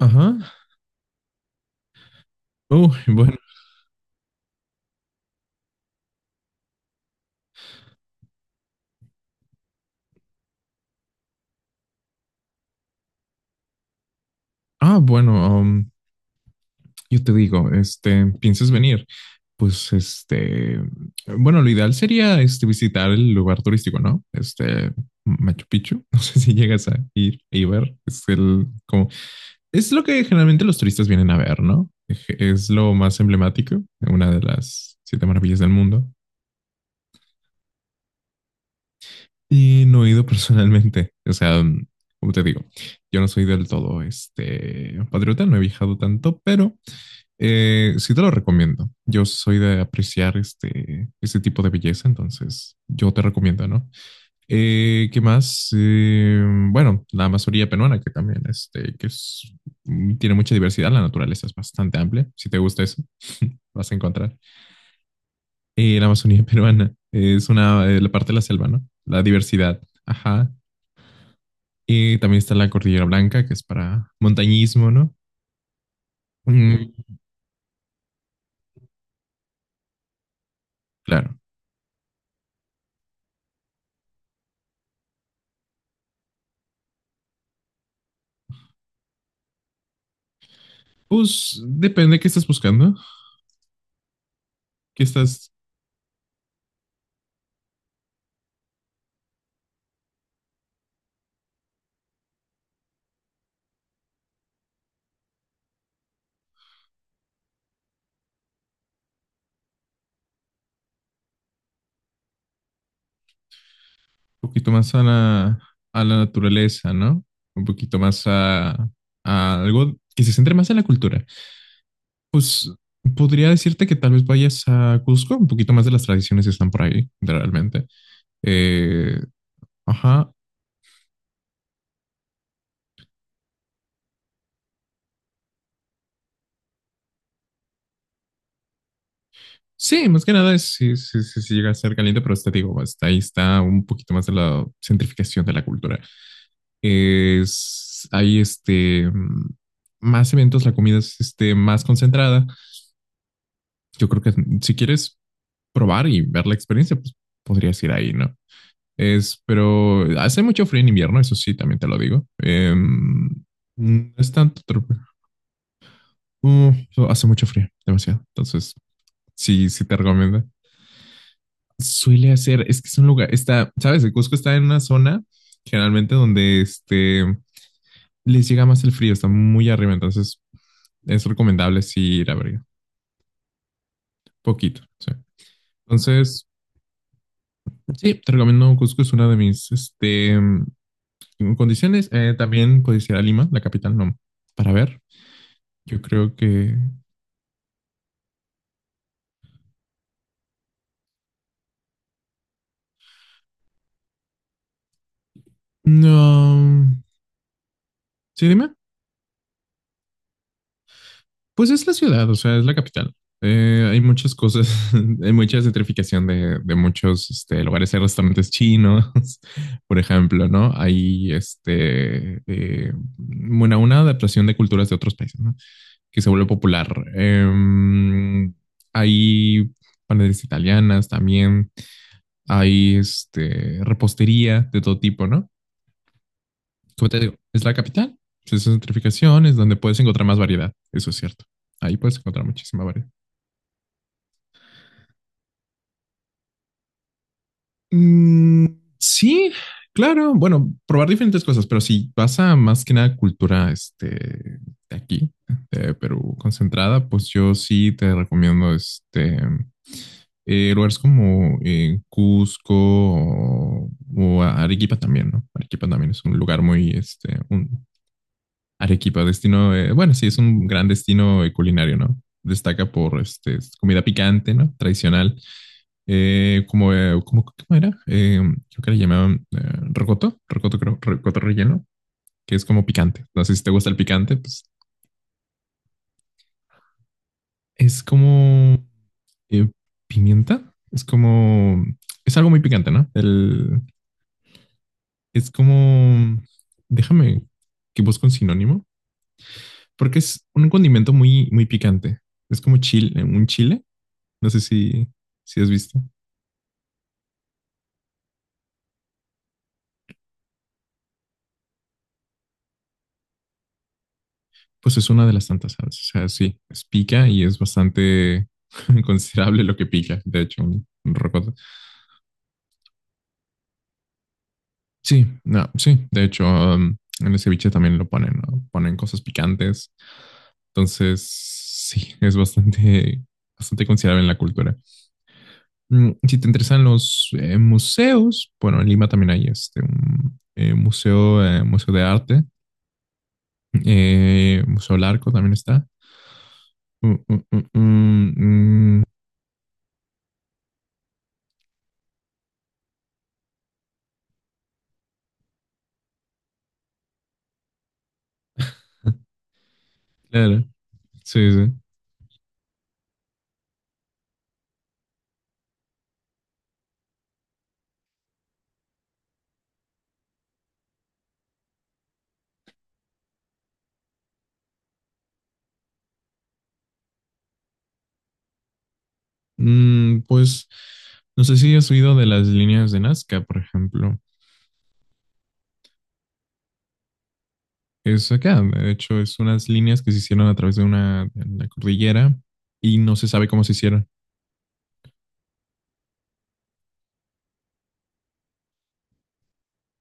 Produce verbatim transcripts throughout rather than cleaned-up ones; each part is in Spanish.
Ajá. Uh, bueno. Ah, bueno, um, yo te digo, este, ¿piensas venir? Pues, este, bueno, lo ideal sería, este, visitar el lugar turístico, ¿no? Este, Machu Picchu. No sé si llegas a ir y ver. Es el, como, es lo que generalmente los turistas vienen a ver, ¿no? Es lo más emblemático, una de las siete maravillas del mundo. Y no he ido personalmente. O sea, como te digo, yo no soy del todo, este, patriota, no he viajado tanto, pero Eh, sí te lo recomiendo. Yo soy de apreciar este, este tipo de belleza, entonces yo te recomiendo, ¿no? Eh, ¿qué más? Eh, bueno, la Amazonía peruana, que también este, que es, mm, tiene mucha diversidad, la naturaleza es bastante amplia. Si te gusta eso, vas a encontrar. Eh, la Amazonía peruana es una, eh, la parte de la selva, ¿no? La diversidad, ajá. Y también está la Cordillera Blanca, que es para montañismo, ¿no? Mm, claro. Pues depende qué estás buscando, qué estás un poquito más a la, a la naturaleza, ¿no? Un poquito más a, a algo que se centre más en la cultura. Pues podría decirte que tal vez vayas a Cusco, un poquito más de las tradiciones están por ahí, realmente. Eh, ajá. Sí, más que nada es, sí, sí, sí, sí llega a ser caliente, pero te digo, hasta ahí está un poquito más de la centrificación de la cultura. Es, hay este, mm, más eventos, la comida es este, más concentrada. Yo creo que si quieres, probar y ver la experiencia, pues podrías ir ahí, ¿no? Es, pero hace mucho frío en invierno, eso sí, también te lo digo. Eh, no es tanto trope- uh, hace mucho frío, demasiado. Entonces, sí, sí te recomiendo. Suele hacer, es que es un lugar, está, sabes, el Cusco está en una zona generalmente donde este les llega más el frío, está muy arriba, entonces es recomendable sí ir a verga, poquito, sí. Entonces, sí, te recomiendo Cusco, es una de mis este en condiciones. Eh, también codiciar a Lima, la capital, no, para ver. Yo creo que... No... Sí, dime. Pues es la ciudad, o sea, es la capital. Eh, hay muchas cosas, hay mucha gentrificación de, de muchos este, lugares. Hay restaurantes chinos, por ejemplo, ¿no? Hay este, eh, bueno, una adaptación de culturas de otros países, ¿no? Que se vuelve popular. Eh, hay panaderías italianas también hay este, repostería de todo tipo, ¿no? Como te digo, es la capital, pues, es centrificación, es donde puedes encontrar más variedad, eso es cierto. Ahí puedes encontrar muchísima variedad. Mm, sí, claro, bueno, probar diferentes cosas, pero si vas a más que nada cultura este, de aquí, de Perú, concentrada, pues yo sí te recomiendo este, eh, lugares como eh, Cusco o, o Arequipa también, ¿no? Arequipa también es un lugar muy, este, un, Arequipa, destino, eh, bueno, sí, es un gran destino eh, culinario, ¿no? Destaca por este, comida picante, ¿no? Tradicional. Eh, como, eh, como- ¿cómo era? Eh, Creo que le llamaban eh, rocoto, rocoto, creo, rocoto relleno, que es como picante. No sé si te gusta el picante, pues es como eh, pimienta, es como, es algo muy picante, ¿no? El, es como, déjame que busque un sinónimo. Porque es un condimento muy, muy picante. Es como chile, un chile. No sé si, si has visto. Pues es una de las tantas salsas. O sea, sí, es pica y es bastante considerable lo que pica. De hecho, un, un rocoto. Sí, no, sí. De hecho, um, en el ceviche también lo ponen, ¿no? Ponen cosas picantes. Entonces, sí, es bastante, bastante considerable en la cultura. Mm, si te interesan los eh, museos, bueno, en Lima también hay este, un eh, museo, eh, museo de arte, eh, Museo Larco también está. Mm, mm, mm, mm, mm, claro, sí, sí. Mm, pues no sé si has oído de las líneas de Nazca, por ejemplo. Es acá, de hecho, es unas líneas que se hicieron a través de una, de la cordillera y no se sabe cómo se hicieron.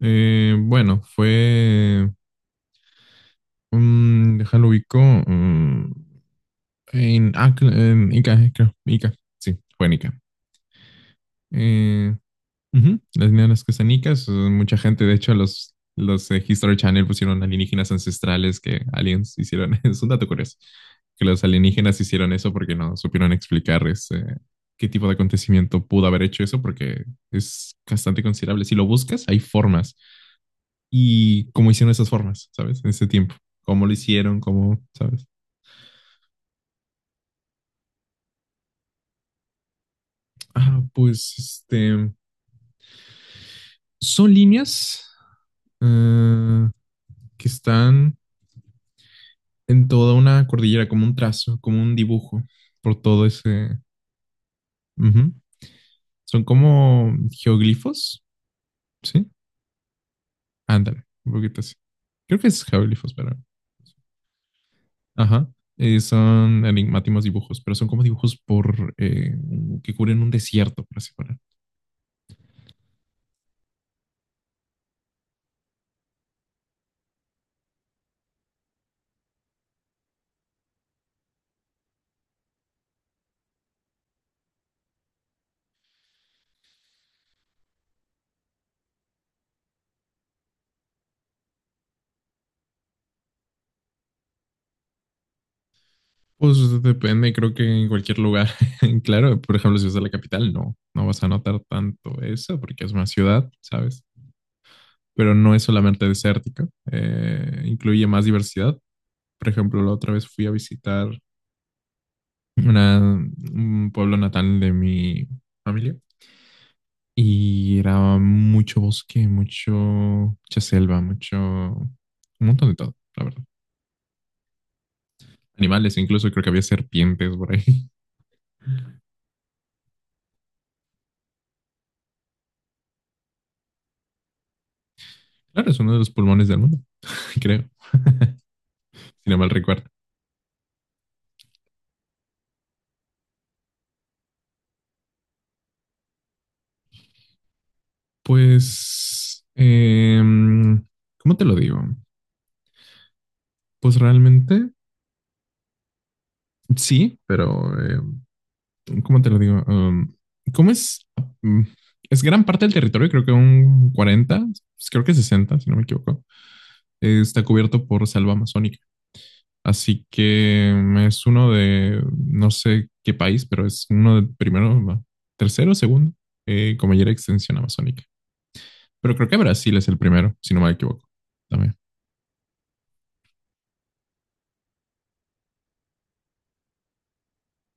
Eh, bueno, fue Mm, déjalo ubico. mm, en, ah, cl- en Ica, eh, creo. Ica, sí, fue en Ica. Eh, ujú, las neonas que están en Ica, son mucha gente. De hecho, los, los eh, History Channel pusieron alienígenas ancestrales que aliens hicieron. Es un dato curioso. Que los alienígenas hicieron eso porque no supieron explicar ese, qué tipo de acontecimiento pudo haber hecho eso, porque es bastante considerable. Si lo buscas, hay formas. Y cómo hicieron esas formas, ¿sabes? En ese tiempo. Cómo lo hicieron, cómo, ¿sabes? Ah, pues este, son líneas ah, que están en toda una cordillera, como un trazo, como un dibujo, por todo ese... Ujú. Son como geoglifos, ¿sí? Ándale, un poquito así. Creo que es geoglifos, pero... Ajá. Eh, son enigmáticos dibujos, pero son como dibujos por eh, que cubren un desierto, por así poner. Pues depende, creo que en cualquier lugar. Claro, por ejemplo, si vas a la capital, no, no vas a notar tanto eso porque es una ciudad, ¿sabes? Pero no es solamente desértica eh, incluye más diversidad. Por ejemplo, la otra vez fui a visitar una, un pueblo natal de mi familia y era mucho bosque, mucho, mucha selva, mucho, un montón de todo, la verdad. Animales, incluso creo que había serpientes por ahí. Claro, es uno de los pulmones del mundo, creo, si no mal recuerdo. Pues, em, ¿cómo te lo digo? Pues realmente sí, pero em, ¿cómo te lo digo? Um, ¿cómo es? Mm, es gran parte del territorio, creo que un cuarenta, pues creo que sesenta, si no me equivoco, eh, está cubierto por selva amazónica. Así que em, es uno de, no sé qué país, pero es uno de primero, no, tercero, segundo, eh, con mayor extensión amazónica. Pero creo que Brasil es el primero, si no me equivoco. También.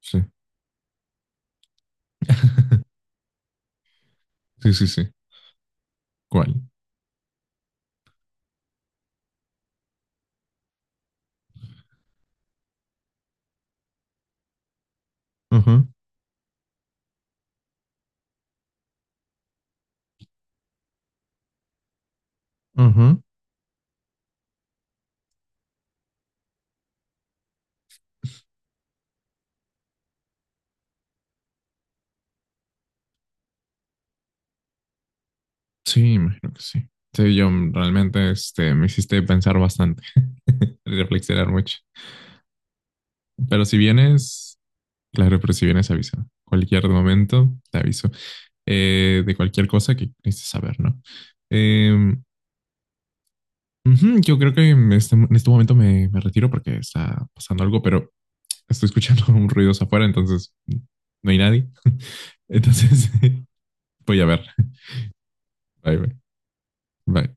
Sí, sí, sí, sí. ¿Cuál? Ujú, ujú. Sí, imagino que sí. Sí, yo realmente este, me hiciste pensar bastante, reflexionar mucho. Pero si vienes, claro, pero si vienes, avisa. Cualquier momento, te aviso. Eh, de cualquier cosa que necesites saber, ¿no? Eh, ujú, yo creo que en este, en este momento me, me retiro porque está pasando algo, pero estoy escuchando un ruido afuera, entonces no hay nadie. Entonces voy a ver. Bye, bye. Bye.